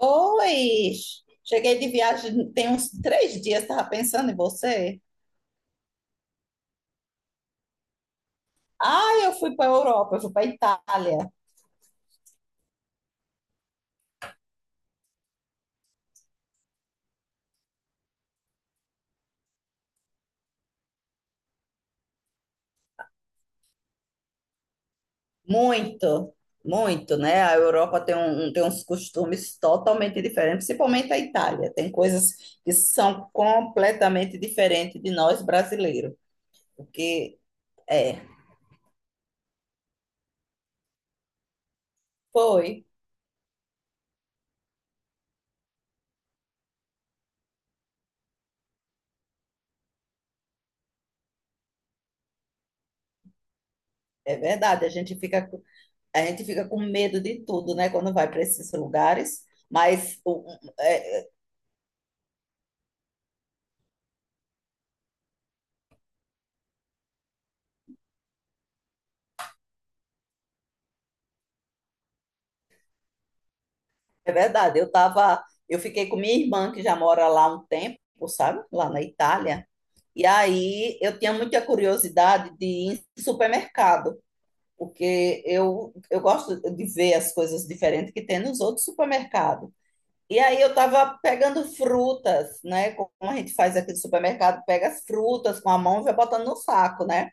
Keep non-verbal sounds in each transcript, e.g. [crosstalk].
Oi! Cheguei de viagem tem uns 3 dias, estava pensando em você. Ah, eu fui para a Europa, eu fui para a Itália. Muito, muito, né? A Europa tem uns costumes totalmente diferentes, principalmente a Itália. Tem coisas que são completamente diferentes de nós brasileiros. Porque é, foi, é verdade. A gente fica com medo de tudo, né? Quando vai para esses lugares. Mas é. É verdade, eu fiquei com minha irmã que já mora lá há um tempo, sabe? Lá na Itália. E aí eu tinha muita curiosidade de ir em supermercado, porque eu gosto de ver as coisas diferentes que tem nos outros supermercados. E aí eu estava pegando frutas, né? Como a gente faz aqui no supermercado, pega as frutas com a mão e vai botando no saco, né?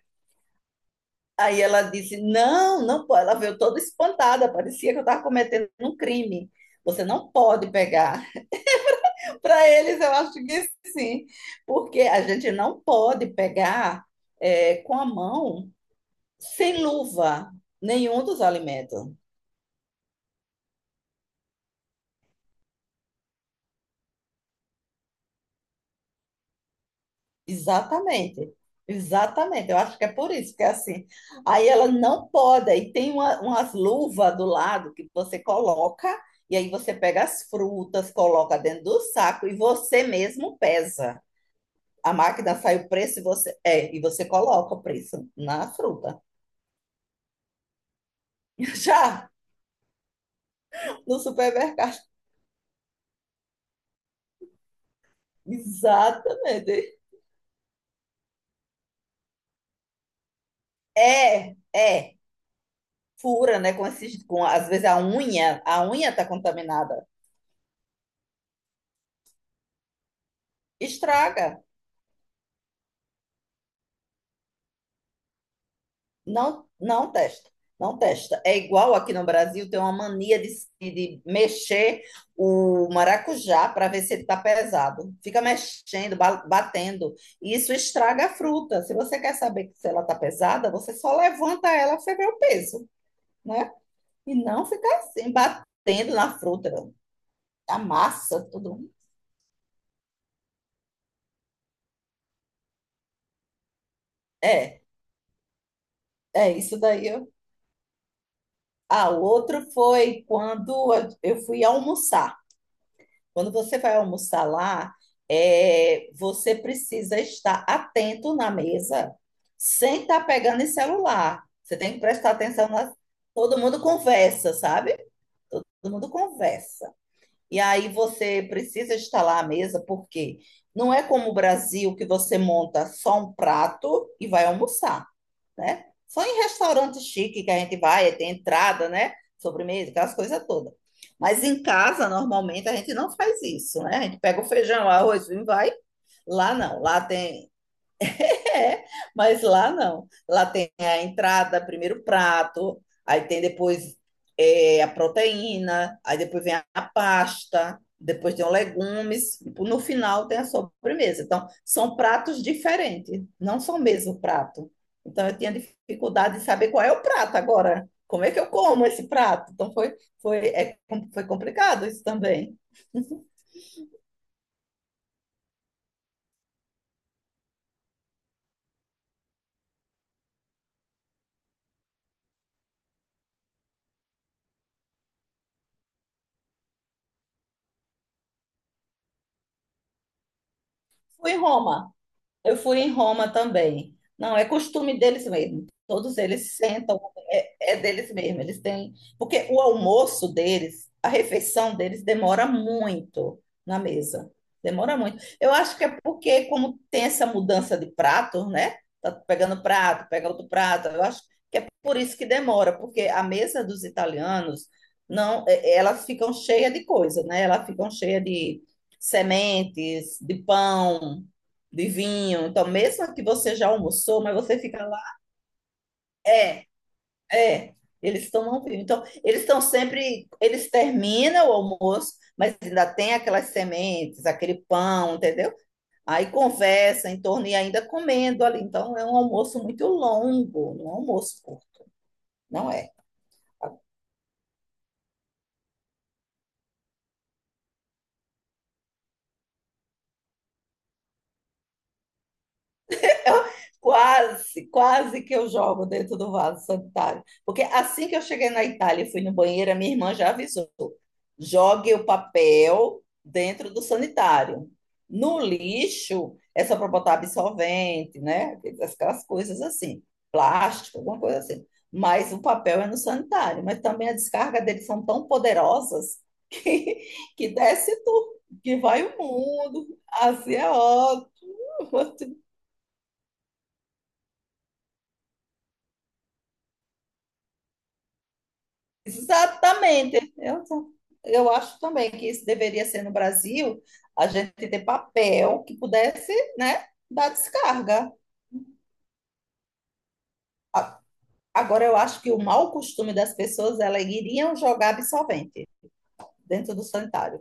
Aí ela disse: "Não, não pode". Ela veio toda espantada, parecia que eu estava cometendo um crime. Você não pode pegar. Para eles, eu acho que sim, porque a gente não pode pegar com a mão, sem luva, nenhum dos alimentos. Exatamente, exatamente. Eu acho que é por isso que é assim. Aí ela não pode, e tem umas luvas do lado que você coloca, e aí você pega as frutas, coloca dentro do saco e você mesmo pesa. A máquina sai o preço e você coloca o preço na fruta. [laughs] Já no supermercado. Exatamente. É, é. Fura, né? Às vezes a unha tá contaminada. Estraga. Não, não testa. Não testa. É igual aqui no Brasil, tem uma mania de mexer o maracujá para ver se ele está pesado. Fica mexendo, batendo. E isso estraga a fruta. Se você quer saber se ela está pesada, você só levanta ela para você ver o peso, né? E não ficar assim, batendo na fruta. Amassa tudo. É, é isso daí. Ah, o outro foi quando eu fui almoçar. Quando você vai almoçar lá, você precisa estar atento na mesa, sem estar pegando em celular. Você tem que prestar atenção na... Todo mundo conversa, sabe? Todo mundo conversa. E aí você precisa estar lá à mesa, porque não é como o Brasil que você monta só um prato e vai almoçar, né? Só em restaurante chique que a gente vai, aí tem entrada, né? Sobremesa, aquelas coisas todas. Mas em casa, normalmente, a gente não faz isso, né? A gente pega o feijão, arroz, e vai. Lá não, lá tem [laughs] é, mas lá não. Lá tem a entrada, primeiro o prato, aí tem depois a proteína, aí depois vem a pasta, depois tem os legumes, e no final tem a sobremesa. Então, são pratos diferentes, não são o mesmo prato. Então, eu tinha dificuldade de saber qual é o prato agora. Como é que eu como esse prato? Então, foi, é, foi complicado isso também. Fui em Roma. Eu fui em Roma também. Não, é costume deles mesmo. Todos eles sentam, é deles mesmo. Eles têm. Porque o almoço deles, a refeição deles, demora muito na mesa. Demora muito. Eu acho que é porque, como tem essa mudança de pratos, né? Tá pegando prato, pega outro prato. Eu acho que é por isso que demora, porque a mesa dos italianos, não, elas ficam cheias de coisa, né? Elas ficam cheias de sementes, de pão, de vinho. Então, mesmo que você já almoçou, mas você fica lá, é, é. Eles tomam vinho. Então, eles estão sempre, eles terminam o almoço, mas ainda tem aquelas sementes, aquele pão, entendeu? Aí conversa em torno e ainda comendo ali. Então, é um almoço muito longo, não é um almoço curto, não é. Eu- quase, quase que eu jogo dentro do vaso sanitário. Porque assim que eu cheguei na Itália e fui no banheiro, a minha irmã já avisou: jogue o papel dentro do sanitário. No lixo, é só para botar absorvente, né? Aquelas coisas assim, plástico, alguma coisa assim. Mas o papel é no sanitário. Mas também a descarga deles são tão poderosas [laughs] que, que desce tudo, que vai o mundo. Assim é ótimo. [laughs] Exatamente. Eu acho também que isso deveria ser no Brasil, a gente ter papel que pudesse, né, dar descarga. A- Agora, eu acho que o mau costume das pessoas, elas iriam jogar absorvente dentro do sanitário.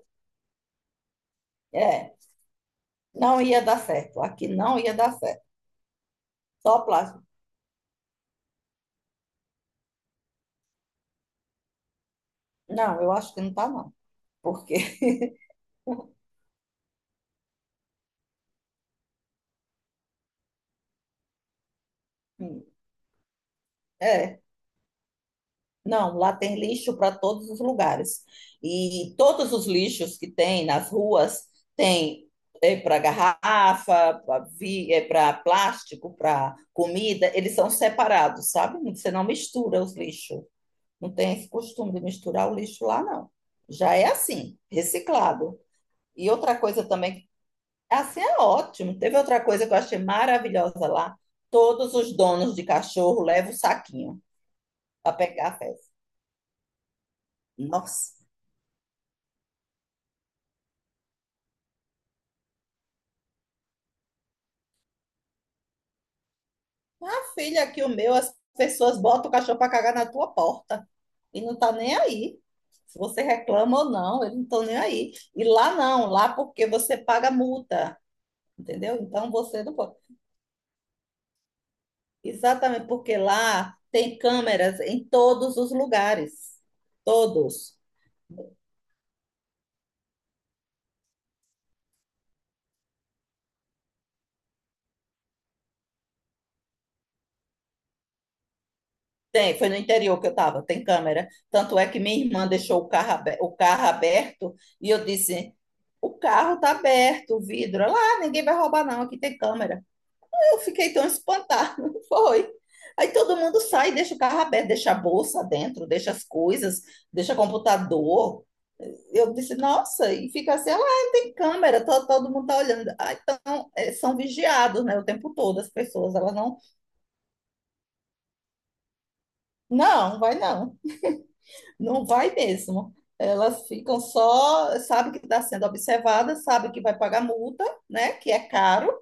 É, não ia dar certo. Aqui não ia dar certo. Só plástico. Não, eu acho que não tá, não. Porque, [laughs] é. Não, lá tem lixo para todos os lugares. E todos os lixos que tem nas ruas tem é para garrafa, para plástico, para comida, eles são separados, sabe? Você não mistura os lixos. Não tem esse costume de misturar o lixo lá, não. Já é assim, reciclado. E outra coisa também, assim é ótimo. Teve outra coisa que eu achei maravilhosa lá. Todos os donos de cachorro levam o saquinho para pegar a fezes. Nossa! Filha, aqui, o meu, as pessoas botam o cachorro para cagar na tua porta e não tá nem aí. Se você reclama ou não, eles não estão nem aí. E lá não, lá porque você paga multa, entendeu? Então você não pode. Exatamente, porque lá tem câmeras em todos os lugares. Todos. Tem, foi no interior que eu estava, tem câmera. Tanto é que minha irmã deixou o carro aberto e eu disse: o carro está aberto, o vidro. Lá, ninguém vai roubar, não, aqui tem câmera. Eu fiquei tão espantada, [laughs] foi. Aí todo mundo sai, deixa o carro aberto, deixa a bolsa dentro, deixa as coisas, deixa computador. Eu disse, nossa, e fica assim, ah, não tem câmera, todo mundo tá olhando. Ah, então, são vigiados, né, o tempo todo, as pessoas, elas não, não, vai não, não vai mesmo. Elas ficam só, sabe que está sendo observada, sabe que vai pagar multa, né, que é caro.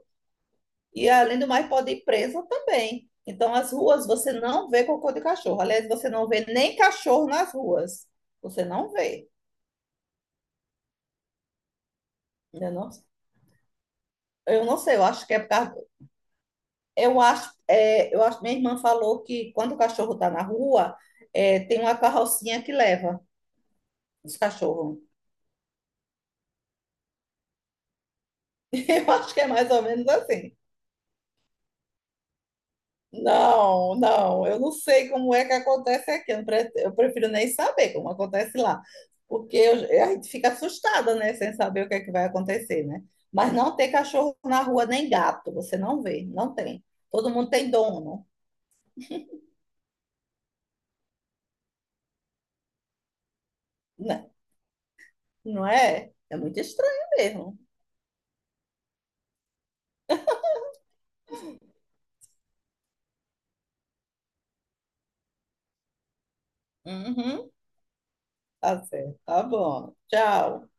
E além do mais, pode ir presa também. Então, as ruas você não vê cocô de cachorro. Aliás, você não vê nem cachorro nas ruas. Você não vê. Eu não, eu não sei, eu acho que é por causa. Eu acho, minha irmã falou que quando o cachorro está na rua, tem uma carrocinha que leva os cachorros. [laughs] Eu acho que é mais ou menos assim. Não, não, eu não sei como é que acontece aqui. Eu prefiro nem saber como acontece lá, porque a gente fica assustada, né, sem saber o que é que vai acontecer, né? Mas não tem cachorro na rua nem gato, você não vê, não tem. Todo mundo tem dono, né? Não é? É muito estranho mesmo. Uhum, tá certo, tá bom. Tchau.